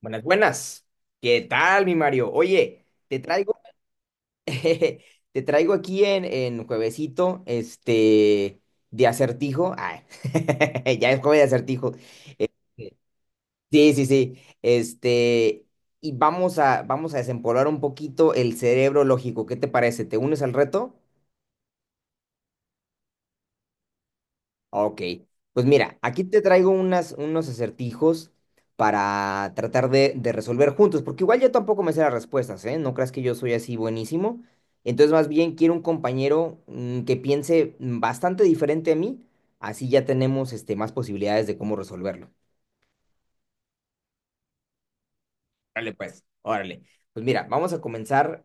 Buenas, buenas. ¿Qué tal, mi Mario? Oye, te traigo, te traigo aquí en juevesito, de acertijo. Ay, ya es jueves de acertijo. Este, sí, sí, sí. Y vamos a desempolvar un poquito el cerebro lógico. ¿Qué te parece? ¿Te unes al reto? Ok, pues mira, aquí te traigo unos acertijos para tratar de resolver juntos, porque igual yo tampoco me sé las respuestas, ¿eh? No creas que yo soy así buenísimo. Entonces, más bien quiero un compañero que piense bastante diferente a mí, así ya tenemos más posibilidades de cómo resolverlo. Órale. Pues mira, vamos a comenzar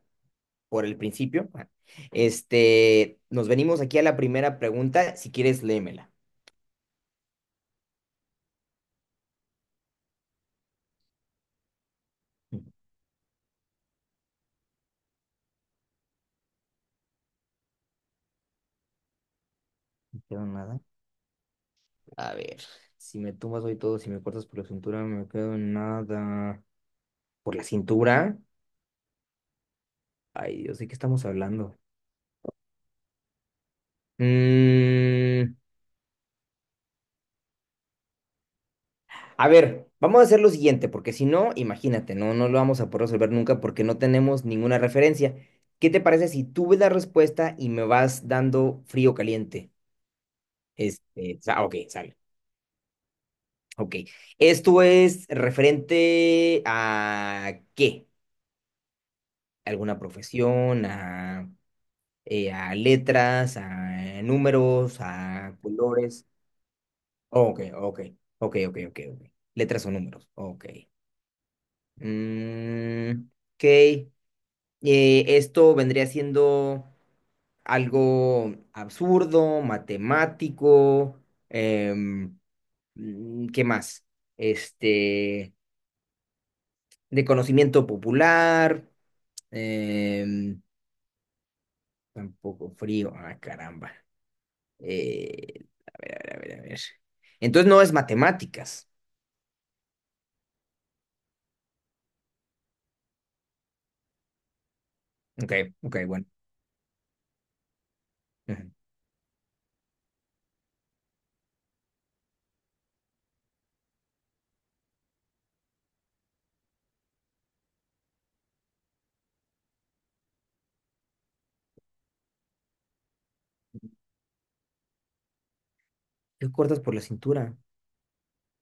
por el principio. Nos venimos aquí a la primera pregunta, si quieres, léemela. No queda nada. A ver, si me tumbas hoy todo, si me cortas por la cintura, no me quedo en nada. ¿Por la cintura? Ay, Dios, ¿de qué estamos hablando? Mm, a ver, vamos a hacer lo siguiente, porque si no, imagínate, no lo vamos a poder resolver nunca porque no tenemos ninguna referencia. ¿Qué te parece si tú ves la respuesta y me vas dando frío o caliente? Ok, sale. Ok. ¿Esto es referente a qué? ¿Alguna profesión? ¿A...? A letras, a números, a colores. Oh, Ok, ok, ok, ok, ok, ok. Letras o números. Ok. Mm, ok. Esto vendría siendo algo absurdo, matemático. em, ¿Qué más? Este, de conocimiento popular. em, Tampoco frío. Ah, caramba. Eh, a ver, a ver, a ver. A ver. Entonces no es matemáticas. Ok, ok, bueno. Ujú. ¿Qué cortas por la cintura?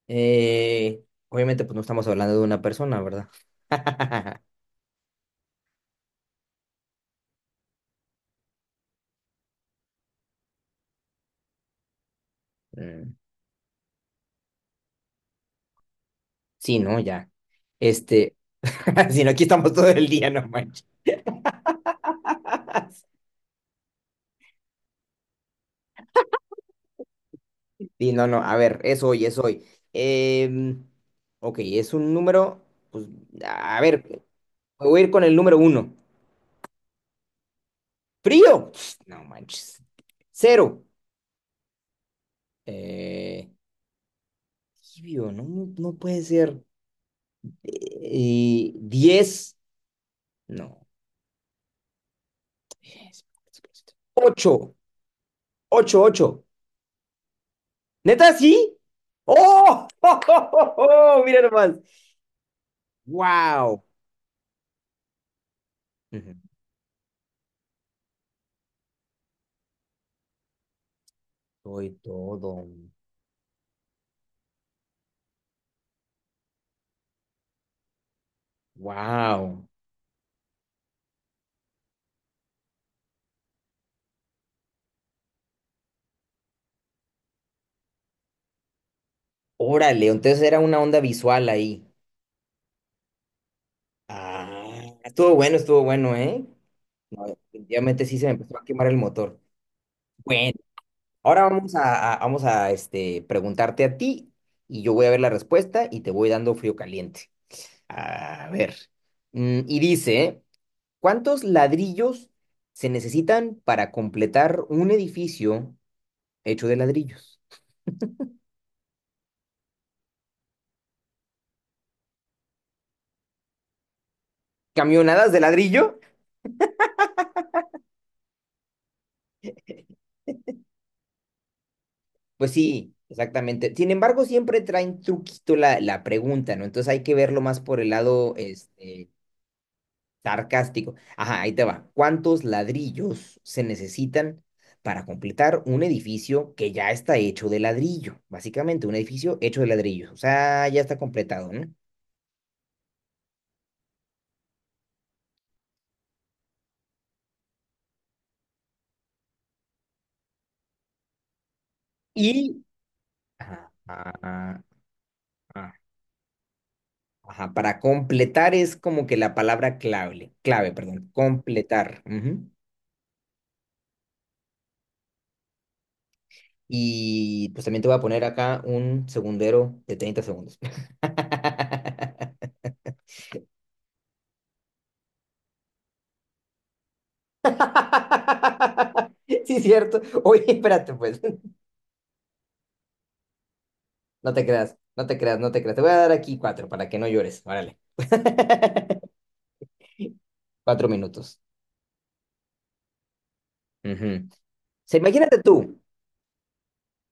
Eh, Obviamente, pues no estamos hablando de una persona, ¿verdad? Mm, sí, no, ya. Este, si no, aquí estamos todo el día, no manches. Sí, no, no, a ver, es hoy, es hoy. Em, ok, es un número, pues, a ver, me voy a ir con el número uno. Frío. No manches. Cero. Eh, tibio, no, no no puede ser. Y diez. No. Ocho. Ocho, ocho. ¿Neta sí? ¡Oh! ¡Oh, oh, oh, oh! Mira nomás. ¡Wow! Soy todo. ¡Wow! Órale, entonces era una onda visual ahí. Ah, estuvo bueno, ¿eh? No, definitivamente sí se me empezó a quemar el motor. Bueno. Ahora vamos a preguntarte a ti y yo voy a ver la respuesta y te voy dando frío caliente. A ver. Y dice, ¿cuántos ladrillos se necesitan para completar un edificio hecho de ladrillos? ¿Camionadas de ladrillo? Pues sí, exactamente. Sin embargo, siempre traen truquito la pregunta, ¿no? Entonces hay que verlo más por el lado sarcástico. Ajá, ahí te va. ¿Cuántos ladrillos se necesitan para completar un edificio que ya está hecho de ladrillo? Básicamente, un edificio hecho de ladrillos. O sea, ya está completado, ¿no? Y... Ajá, ajá, ajá, ajá, para completar es como que la palabra clave, clave, perdón, completar. Ujú. Y pues también te voy a poner acá un segundero de 30 segundos. Sí, cierto. Oye, espérate, pues. No te creas, no te creas, no te creas. Te voy a dar aquí cuatro para que no llores. Órale. 4 minutos. Ujú. O sea, imagínate tú,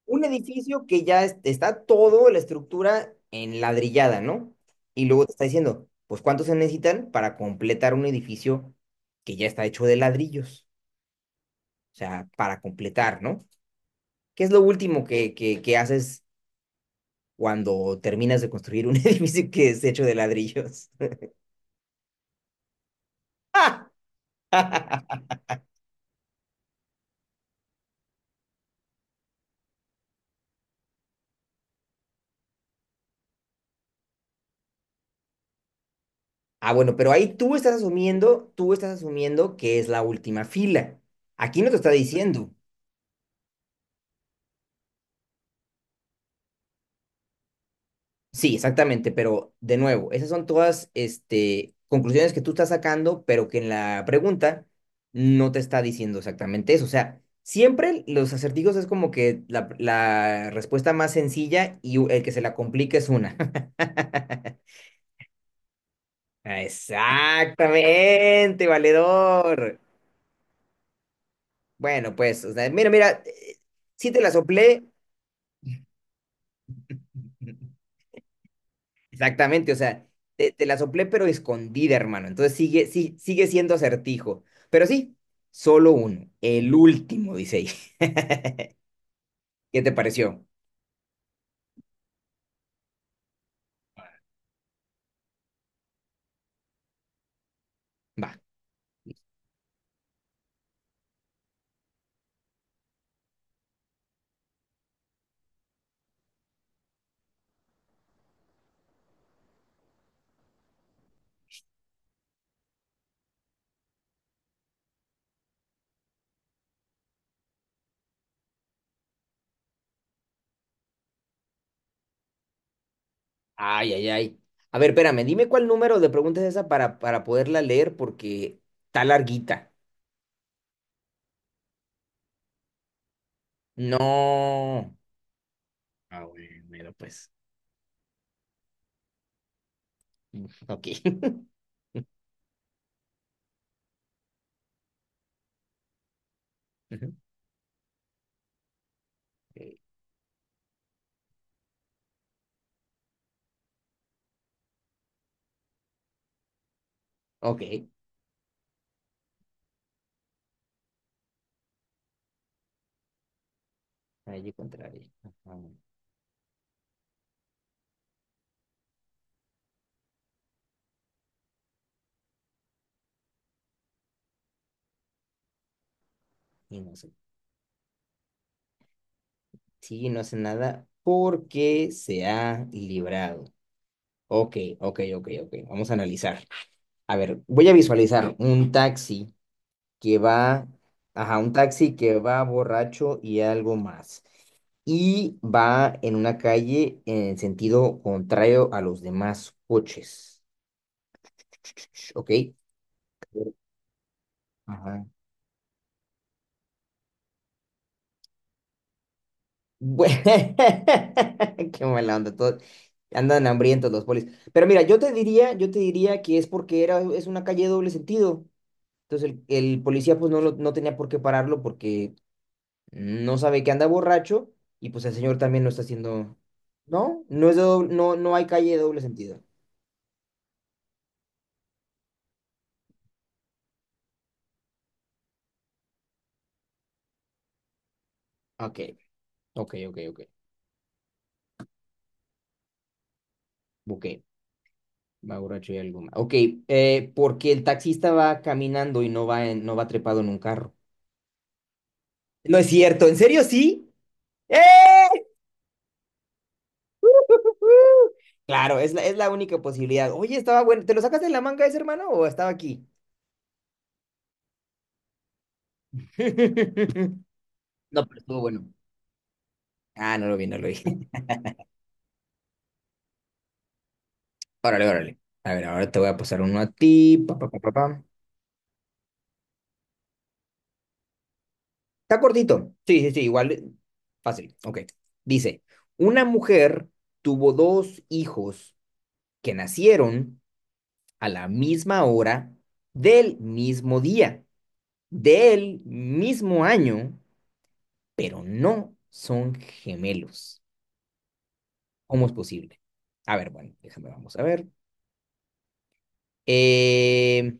un edificio que ya está todo la estructura en ladrillada, ¿no? Y luego te está diciendo, pues ¿cuántos se necesitan para completar un edificio que ya está hecho de ladrillos? O sea, para completar, ¿no? ¿Qué es lo último que haces cuando terminas de construir un edificio que es hecho de ladrillos? Ah, bueno, pero ahí tú estás asumiendo, que es la última fila. Aquí no te está diciendo. Sí, exactamente, pero de nuevo, esas son todas, conclusiones que tú estás sacando, pero que en la pregunta no te está diciendo exactamente eso. O sea, siempre los acertijos es como que la respuesta más sencilla y el que se la complica es una. Exactamente, valedor. Bueno, pues, o sea, mira, mira, sí te la soplé, exactamente, o sea, te la soplé pero escondida, hermano. Entonces sigue, sí, sigue siendo acertijo. Pero sí, solo uno, el último, dice ahí. ¿Qué te pareció? Va. Ay, ay, ay. A ver, espérame, dime cuál número de preguntas es esa para poderla leer porque está larguita. No. Ah, bueno, mira, pues. Ok. Ujú. Ok. Allí contrario. Ajá. Y no sé. Sí, no hace nada porque se ha librado. Ok, ok, ok, ok. Vamos a analizar. A ver, voy a visualizar un taxi que va, ajá, un taxi que va borracho y algo más. Y va en una calle en sentido contrario a los demás coches. Ok. Ajá. Bue- Qué mala onda, todo andan hambrientos los polis. Pero mira, yo te diría que es porque es una calle de doble sentido. Entonces el policía pues no, no tenía por qué pararlo porque no sabe que anda borracho y pues el señor también lo está haciendo. No, hay calle de doble sentido. Ok, ok, ok, ok. Ok, va borracho y algo más. Ok, porque el taxista va caminando y no va no va trepado en un carro. No es cierto, ¿en serio sí? ¡Eh! Claro, es la única posibilidad. Oye, estaba bueno. ¿Te lo sacaste de la manga ese hermano o estaba aquí? No, pero estuvo bueno. Ah, no lo vi, no lo vi. Órale, órale. A ver, ahora te voy a pasar uno a ti. Pa, pa, pa, pa, pam. Está cortito. Sí, sí, sí, igual. Fácil. Ok. Dice, una mujer tuvo dos hijos que nacieron a la misma hora, del mismo día, del mismo año, pero no son gemelos. ¿Cómo es posible? A ver, bueno, déjame, vamos a ver. Eh,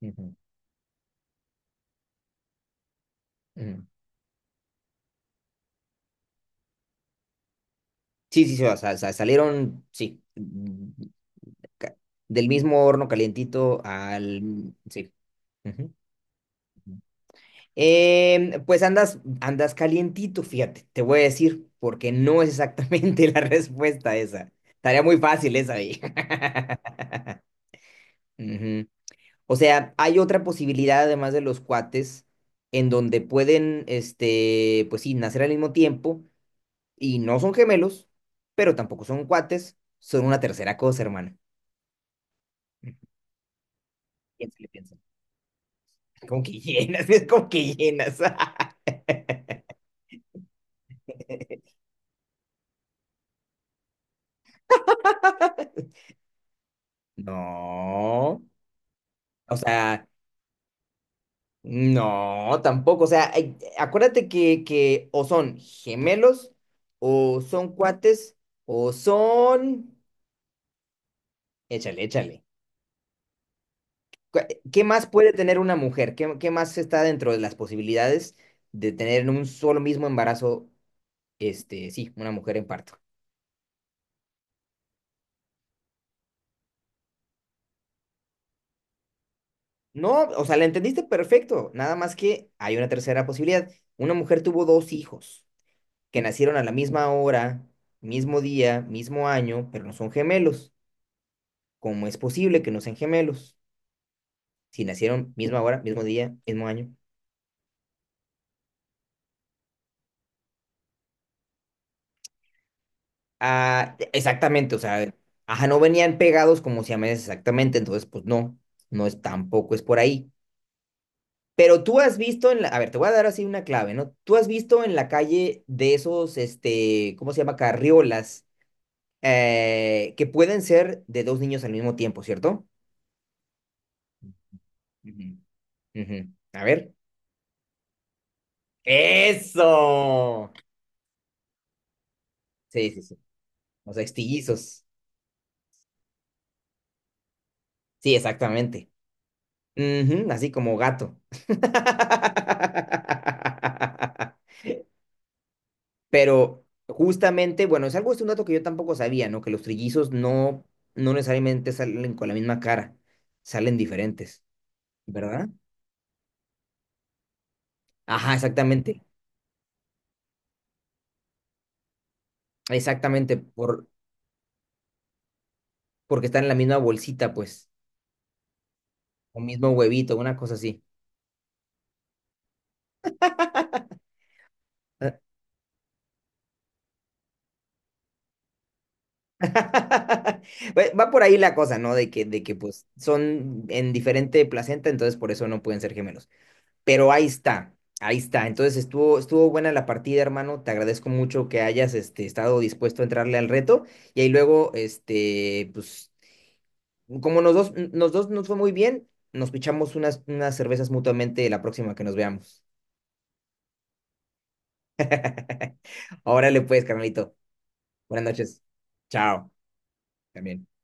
ujú, ujú. Sí, sí, sí, o sea, salieron, sí, mm, ca- del mismo horno calientito al... Sí. Ujú. Ujú. Pues andas calientito, fíjate, te voy a decir, porque no es exactamente la respuesta esa. Estaría muy fácil esa ahí. Ujú. O sea, hay otra posibilidad además de los cuates en donde pueden, pues sí, nacer al mismo tiempo y no son gemelos, pero tampoco son cuates, son una tercera cosa, hermano. Mm, Piénsale, piénsale. Como que llenas, es como que llenas. No, o sea, no, tampoco. O sea, ay, acuérdate que o son gemelos, o son cuates, o son... Échale, échale. cu- ¿Qué más puede tener una mujer? ¿Qué más está dentro de las posibilidades de tener en un solo mismo embarazo, sí, una mujer en parto? No, o sea, la entendiste perfecto. Nada más que hay una tercera posibilidad. Una mujer tuvo dos hijos que nacieron a la misma hora, mismo día, mismo año, pero no son gemelos. ¿Cómo es posible que no sean gemelos? Si nacieron misma hora, mismo día, mismo año. Ah, e, exactamente, o sea, ajá, no venían pegados como siameses exactamente, entonces pues no, no es tampoco es por ahí. Pero tú has visto a ver, te voy a dar así una clave, ¿no? Tú has visto en la calle de esos, ¿cómo se llama? Carriolas, que pueden ser de dos niños al mismo tiempo, ¿cierto? Ujú. Ujú. A ver. ¡Eso! Sí, sí, sí. O sea, estillizos. Sí, exactamente. Ujú, así como gato. Pero justamente, bueno, es algo, es un dato que yo tampoco sabía, ¿no? Que los trillizos no, no necesariamente salen con la misma cara, salen diferentes, ¿verdad? Ajá, exactamente, exactamente, porque están en la misma bolsita, pues, o mismo huevito, una cosa así. Pues, va por ahí la cosa, ¿no? De que pues son en diferente placenta, entonces por eso no pueden ser gemelos. Pero ahí está, ahí está. Entonces estuvo buena la partida, hermano. Te agradezco mucho que hayas estado dispuesto a entrarle al reto. Y ahí luego, pues, como nos dos nos fue muy bien, nos pichamos unas cervezas mutuamente la próxima que nos veamos. Órale pues, carnalito. Buenas noches. Chao. También.